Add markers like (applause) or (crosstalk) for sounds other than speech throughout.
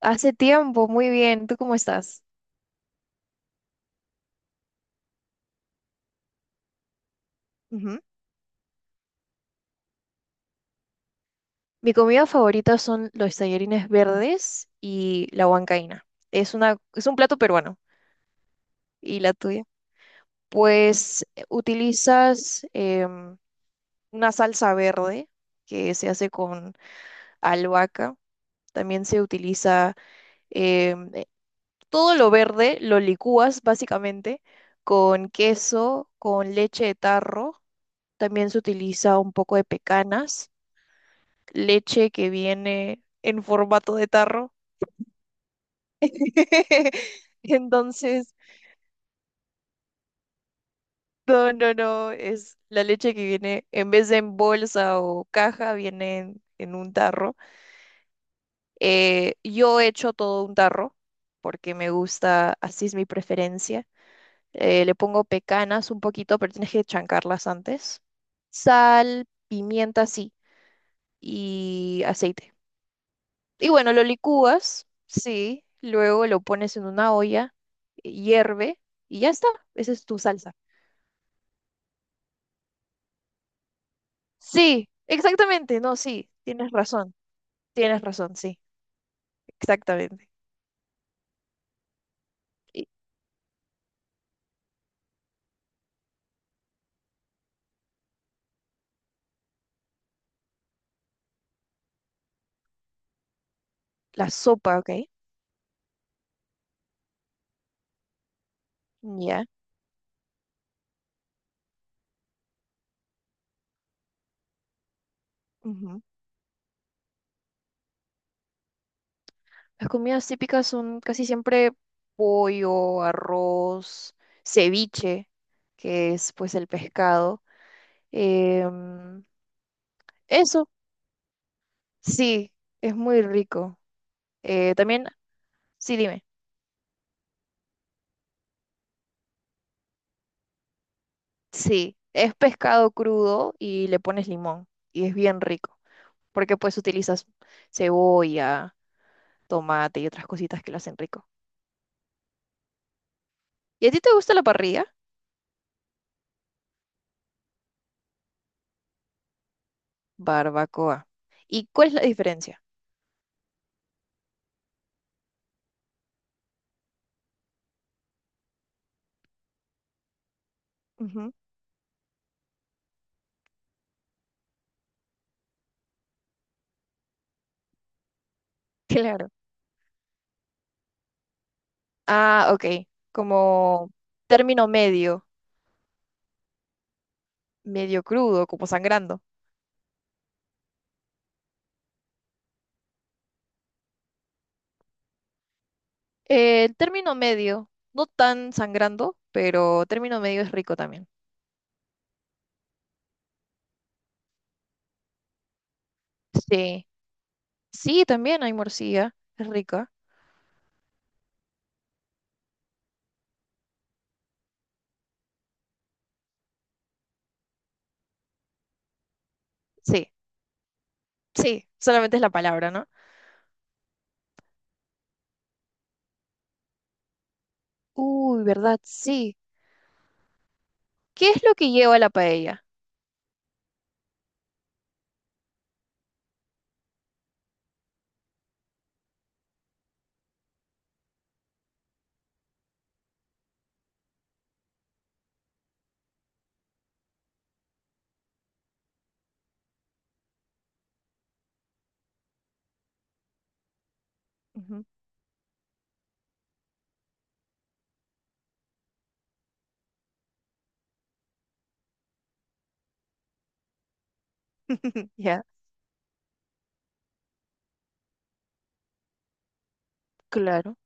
Hace tiempo, muy bien. ¿Tú cómo estás? Ujú. Mi comida favorita son los tallarines verdes y la huancaína. Es un plato peruano. ¿Y la tuya? Pues utilizas em, una salsa verde que se hace con albahaca. También se utiliza em, eh, todo lo verde, lo licúas básicamente con queso, con leche de tarro. También se utiliza un poco de pecanas, leche que viene en formato de tarro. (laughs) Entonces, no, es la leche que viene, en vez de en bolsa o caja, viene en un tarro. Yo hecho todo un tarro porque me gusta, así es mi preferencia. Le pongo pecanas un poquito, pero tienes que chancarlas antes. Sal, pimienta, sí, y aceite. Y bueno, lo licúas, sí, luego lo pones en una olla, hierve y ya está, esa es tu salsa. Sí, exactamente, no, sí, tienes razón, sí, exactamente. Y la sopa, ¿ok? Ya. Ujú. Las comidas típicas son casi siempre pollo, arroz, ceviche, que es pues el pescado. em, Eso, sí, es muy rico. También, sí, dime. Sí, es pescado crudo y le pones limón y es bien rico, porque pues utilizas cebolla, tomate y otras cositas que lo hacen rico. ¿Y a ti te gusta la parrilla? Barbacoa. ¿Y cuál es la diferencia? Ujú. (laughs) Claro. Ah, ok. Como término medio, medio crudo, como sangrando. El término medio, no tan sangrando, pero término medio es rico también. Sí, sí, también hay morcilla, es rica. Sí. Sí, solamente es la palabra, ¿no? Uy, ¿verdad? Sí. ¿Qué es lo que lleva la paella? Ujú. Ya, claro.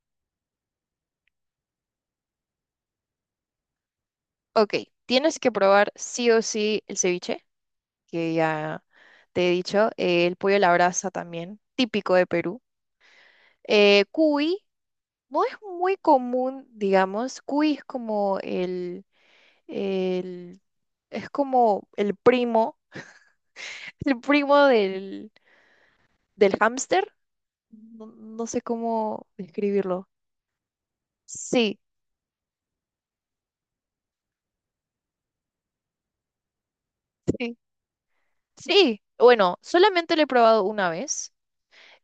Ok, tienes que probar sí o sí el ceviche, que ya te he dicho, el pollo a la brasa también, típico de Perú. Cuy, no es muy común, digamos, cuy es como el, es como el primo, (laughs) el primo del hámster, no sé cómo describirlo. Sí. Sí. Sí, bueno, solamente lo he probado una vez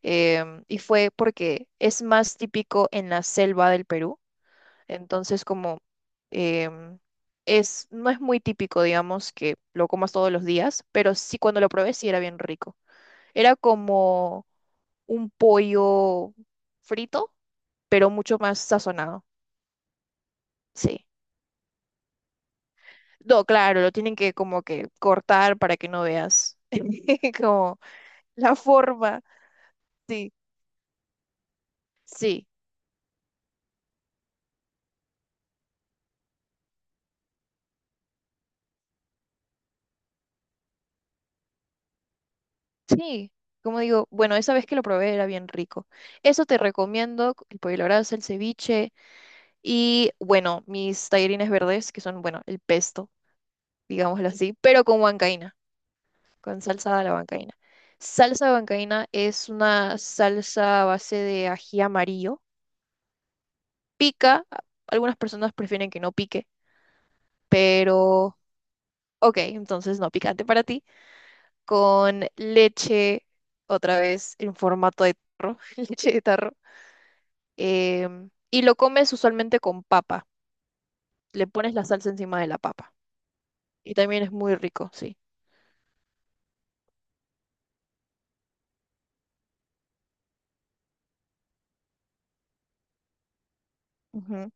y fue porque es más típico en la selva del Perú, entonces como em, es, no es muy típico, digamos, que lo comas todos los días, pero sí cuando lo probé sí era bien rico. Era como un pollo frito, pero mucho más sazonado, sí. No, claro, lo tienen que como que cortar para que no veas (laughs) como la forma, sí, sí. Sí, como digo, bueno, esa vez que lo probé era bien rico. Eso te recomiendo, c- el pollo a la brasa, el ceviche y, bueno, mis tallarines verdes, que son, bueno, el pesto, digámoslo así, pero con huancaína, con salsa de la huancaína. Salsa de huancaína es una salsa a base de ají amarillo. Pica, a- algunas personas prefieren que no pique, pero, ok, entonces no picante para ti. Con leche, otra vez, en formato de tarro, (laughs) leche de tarro, y lo comes usualmente con papa. Le pones la salsa encima de la papa. Y también es muy rico, sí. Ujú.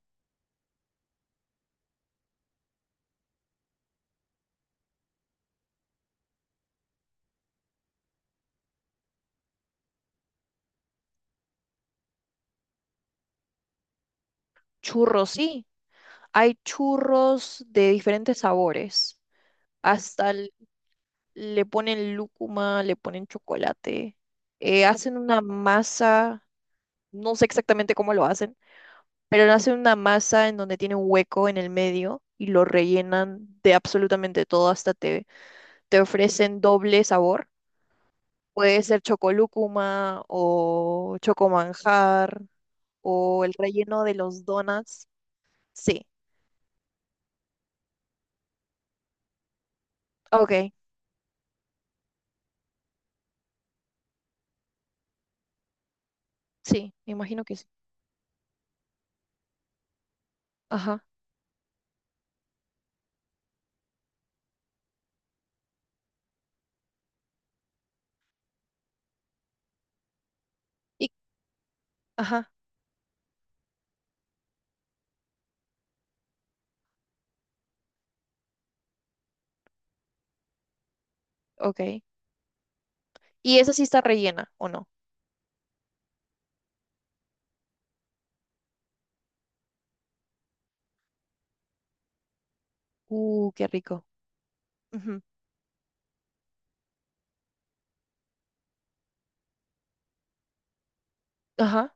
Churros, sí. Hay churros de diferentes sabores. Hasta l- le ponen lúcuma, le ponen chocolate. Hacen una masa, no sé exactamente cómo lo hacen, pero hacen una masa en donde tiene un hueco en el medio y lo rellenan de absolutamente todo, hasta te ofrecen doble sabor. Puede ser chocolúcuma o chocomanjar o el relleno de los donuts. Sí, ok, sí, me imagino que sí. Ajá, y, ajá, ok. ¿Y esa sí está rellena o no? Qué rico. Ujú. Ajá,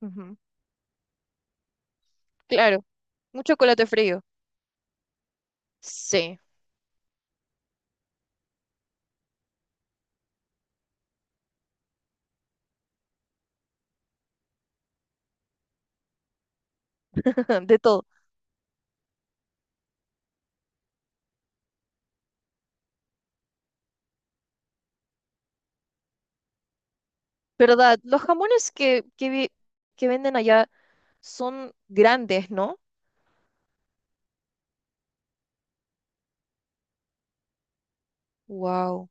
ujú. Claro, un chocolate frío. Sí, (laughs) de todo. ¿Verdad? Los jamones que venden allá son grandes, ¿no? Wow.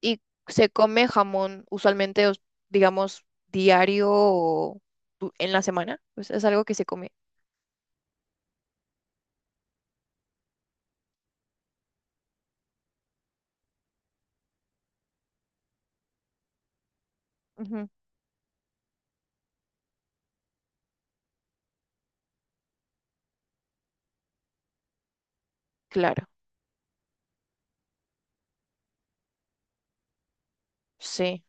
Y se come jamón usualmente, os- digamos, diario o du- en la semana. Pues es algo que se come. Ujú. Claro. Sí.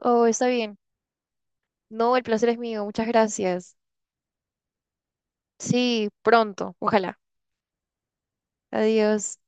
Oh, está bien. No, el placer es mío. Muchas gracias. Sí, pronto. Ojalá. Adiós.